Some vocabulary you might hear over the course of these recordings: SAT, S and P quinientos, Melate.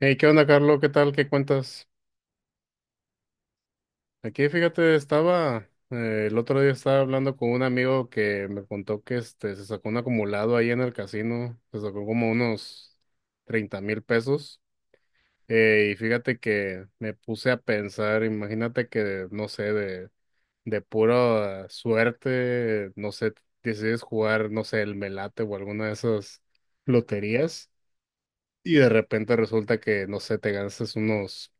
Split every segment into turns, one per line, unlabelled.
Hey, ¿qué onda, Carlos? ¿Qué tal? ¿Qué cuentas? Aquí, fíjate, estaba, el otro día estaba hablando con un amigo que me contó que se sacó un acumulado ahí en el casino, se sacó como unos 30,000 pesos. Y fíjate que me puse a pensar, imagínate que, no sé, de pura suerte, no sé, decides jugar, no sé, el Melate o alguna de esas loterías. Y de repente resulta que, no sé, te ganas unos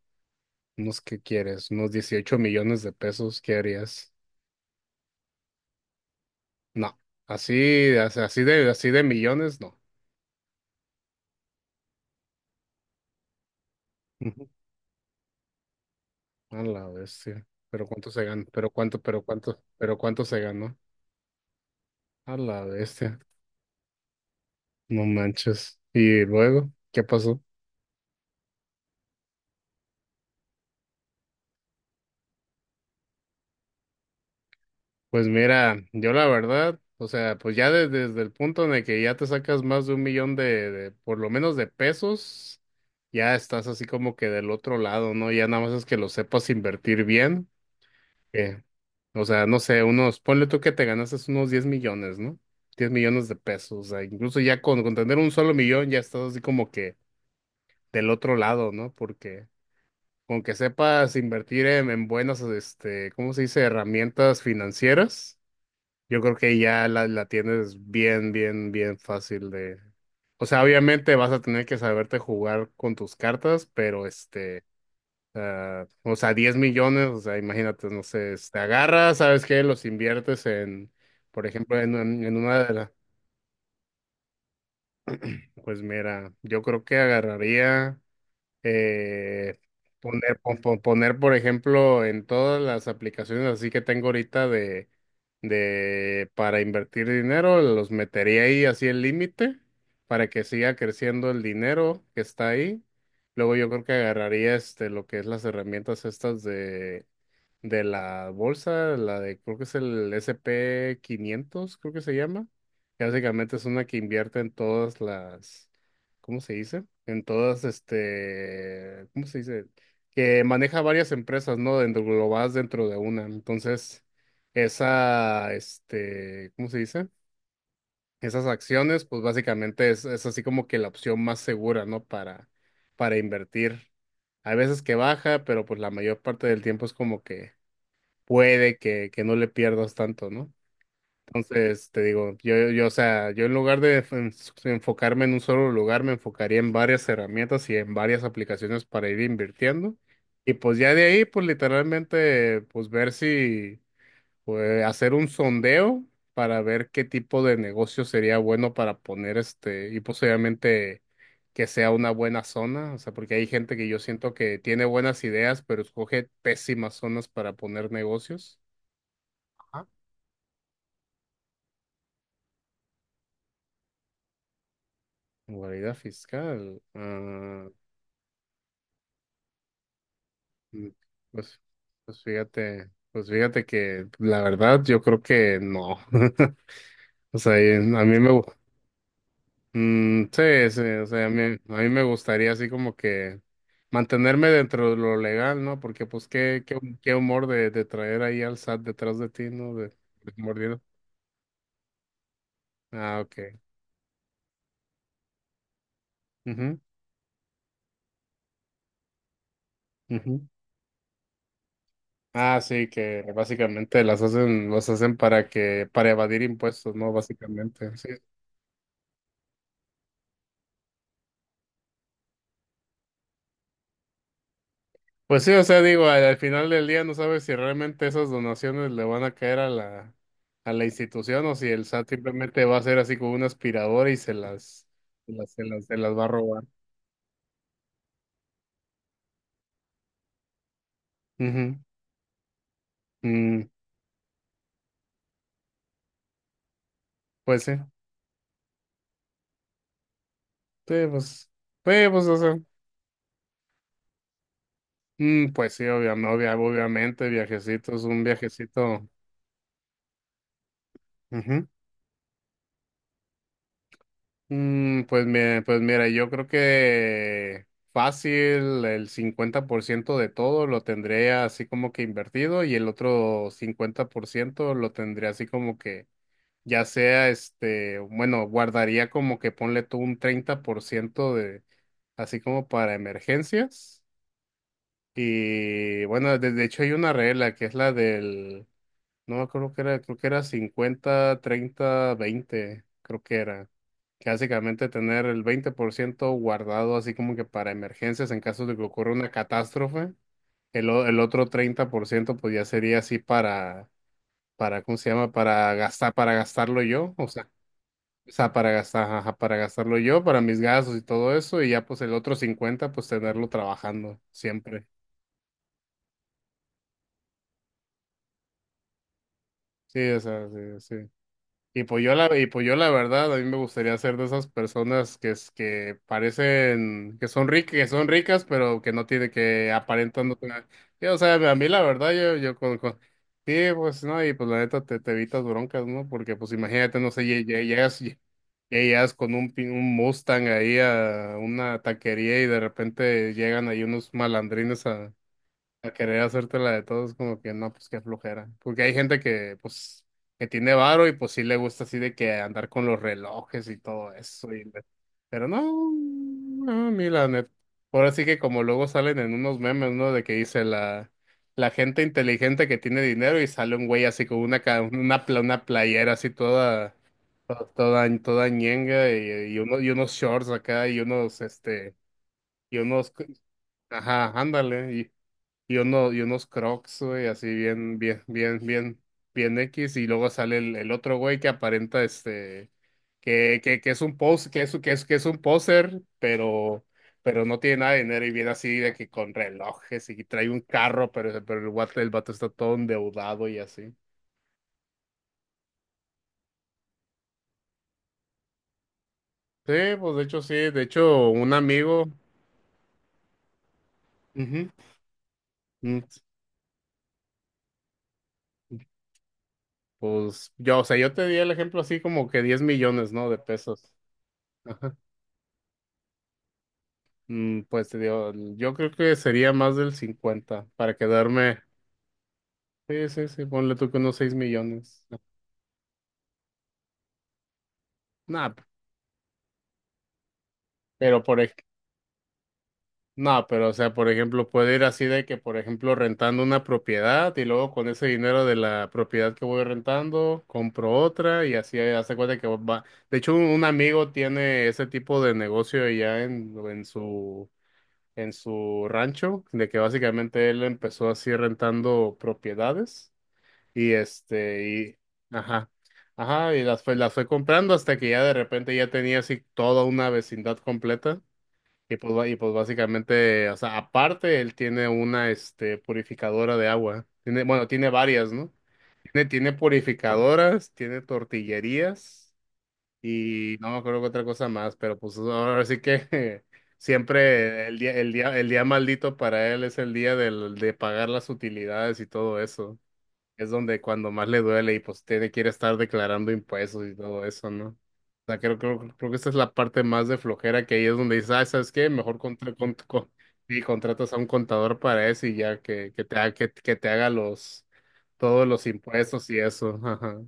Unos que quieres, unos 18 millones de pesos, ¿qué harías? No, así, así de millones, no. Ujú. A la bestia. Pero cuánto se ganó, pero cuánto, pero cuánto, pero cuánto se ganó. A la bestia. No manches. Y luego, ¿qué pasó? Pues mira, yo la verdad, o sea, pues ya desde el punto en el que ya te sacas más de un millón por lo menos de pesos, ya estás así como que del otro lado, ¿no? Ya nada más es que lo sepas invertir bien. Que, o sea, no sé, unos, ponle tú que te ganaste unos 10 millones, ¿no? 10 millones de pesos, o sea, incluso ya con tener un solo millón ya estás así como que del otro lado, ¿no? Porque con que sepas invertir en buenas, ¿cómo se dice? Herramientas financieras, yo creo que ya la tienes bien, bien, bien fácil de... O sea, obviamente vas a tener que saberte jugar con tus cartas, pero sea, o sea, 10 millones, o sea, imagínate, no sé, te agarras, ¿sabes qué? Los inviertes en, por ejemplo, en una de las... Pues mira, yo creo que agarraría, eh, poner, por ejemplo, en todas las aplicaciones así que tengo ahorita para invertir dinero, los metería ahí así el límite para que siga creciendo el dinero que está ahí. Luego yo creo que agarraría lo que es las herramientas estas de la bolsa, la de, creo que es el S&P 500 creo que se llama, que básicamente es una que invierte en todas las, ¿cómo se dice? En todas, ¿cómo se dice? Que maneja varias empresas, ¿no? Dentro, globales dentro de una. Entonces, esa, ¿cómo se dice? Esas acciones, pues básicamente es así como que la opción más segura, ¿no? Para invertir. Hay veces que baja, pero pues la mayor parte del tiempo es como que puede que no le pierdas tanto, ¿no? Entonces, te digo, yo, o sea, yo en lugar de enfocarme en un solo lugar, me enfocaría en varias herramientas y en varias aplicaciones para ir invirtiendo. Y pues ya de ahí, pues literalmente, pues ver si, pues hacer un sondeo para ver qué tipo de negocio sería bueno para poner y posiblemente que sea una buena zona, o sea, porque hay gente que yo siento que tiene buenas ideas, pero escoge pésimas zonas para poner negocios. Guarida fiscal. Ah, mm, pues, pues fíjate que la verdad yo creo que no. O sea, y a mí me, mm, sí, sí, o sea, a mí me gustaría así como que mantenerme dentro de lo legal, ¿no? Porque pues qué, qué, qué humor de traer ahí al SAT detrás de ti, ¿no? De mordido. Ah, ok. Ujú, ujú. Ah, sí, que básicamente las hacen para que, para evadir impuestos, ¿no? Básicamente. Sí, pues sí, o sea, digo, al, al final del día no sabes si realmente esas donaciones le van a caer a la institución o si el SAT simplemente va a ser así como una aspiradora y se las, se las, se las, se las va a robar. Ujú. Mm, pues sí, sí, pues, sí, pues, o sea, mm, pues sí, obviamente, obviamente, viajecito es un viajecito. Ujú. Mm, pues, me pues mira, yo creo que fácil el 50% de todo lo tendré así como que invertido y el otro 50% lo tendré así como que ya sea bueno, guardaría como que ponle tú un 30% de así como para emergencias y bueno, de hecho hay una regla que es la del, no creo que era, creo que era 50 30 20 creo que era. Básicamente tener el 20% guardado así como que para emergencias en caso de que ocurra una catástrofe. El, el otro 30% pues ya sería así para, ¿cómo se llama? Para gastar, para gastarlo yo. O sea, para gastar, ajá, para gastarlo yo, para mis gastos y todo eso. Y ya pues el otro 50% pues tenerlo trabajando siempre. Sí, o sea, sí, sí. Y pues yo la, y pues yo la verdad, a mí me gustaría ser de esas personas que es que parecen, que son ricas, pero que no tiene que aparentando. O sea, a mí la verdad, yo sí, pues no, y pues la neta te, te evitas broncas, ¿no? Porque pues imagínate, no sé, llegas, llegas con un, un Mustang ahí a una taquería y de repente llegan ahí unos malandrines a querer hacerte la de todos, como que no, pues qué flojera. Porque hay gente que, pues, que tiene varo y pues sí le gusta así de que andar con los relojes y todo eso. Pero no, no, ni la neta. Ahora sí que como luego salen en unos memes, ¿no? De que dice la, la gente inteligente que tiene dinero y sale un güey así con una, una, una playera así toda, toda, toda, toda ñenga y, y unos shorts acá y unos, y unos, ajá, ándale. Y uno, y unos crocs, güey, así bien, bien, bien, bien, bien X, y luego sale el otro güey que aparenta que es un pos, que es, que es, que es un poser, pero no tiene nada de dinero y viene así de que con relojes y trae un carro, pero el vato está todo endeudado y así. Sí, pues de hecho sí, de hecho un amigo, ujú, mm, pues yo, o sea, yo te di el ejemplo así como que 10 millones, ¿no? De pesos. Mm, pues te digo, yo creo que sería más del 50 para quedarme. Sí, sí, sí, ponle tú que unos 6 millones. Nada, pero por ej- nah, pero o sea, por ejemplo, puede ir así de que, por ejemplo, rentando una propiedad y luego con ese dinero de la propiedad que voy rentando, compro otra y así hace cuenta que va. De hecho, un amigo tiene ese tipo de negocio allá en su rancho, de que básicamente él empezó así rentando propiedades. Y este, y, ajá, ajá, y las fue comprando hasta que ya de repente ya tenía así toda una vecindad completa. Y pues, y pues básicamente, o sea, aparte él tiene una, purificadora de agua. Tiene, bueno, tiene varias, ¿no? Tiene, tiene purificadoras, tiene tortillerías y no me acuerdo qué otra cosa más, pero pues ahora sí que siempre el día, el día, el día maldito para él es el día de pagar las utilidades y todo es donde cuando más le duele y pues tiene que ir a estar declarando impuestos y todo eso, ¿no? O sea, creo, creo, creo que esta es la parte más de flojera que ahí es donde dices, ah, ¿sabes qué? Mejor y contratas a un contador para eso y ya que te haga los, todos los impuestos y eso, ajá.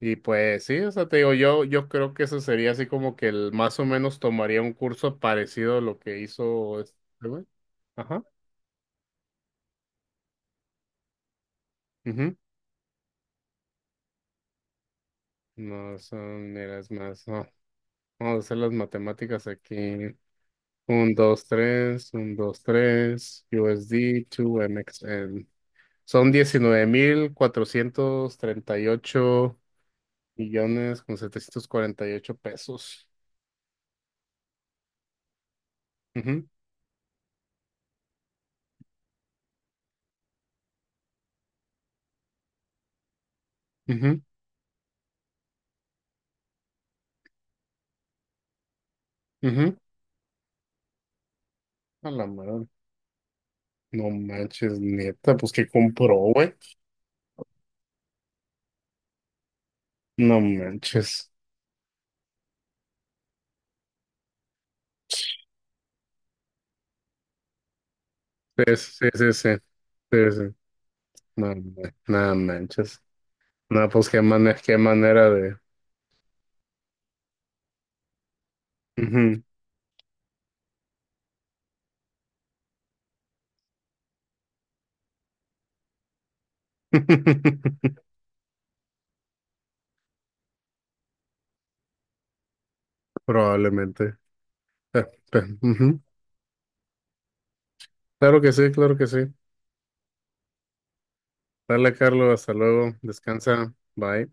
Y pues sí, o sea, te digo, yo creo que eso sería así como que el más o menos tomaría un curso parecido a lo que hizo este güey. Ajá. Ujú. No, son, mira, es más. Vamos a hacer las matemáticas aquí. 1, 2, 3, 1, 2, 3, USD, 2MXN. Son 19,438 millones con 748 pesos. Ujú, ujú, ujú. A la madre. No manches, neta, pues que compró, güey. No manches. Sí, sí, sí, sí. Sí, sí. No manches. No, pues qué manera de. Ujú. Probablemente. Pe- ujú. Claro que sí, claro que sí. Dale, Carlos, hasta luego. Descansa. Bye.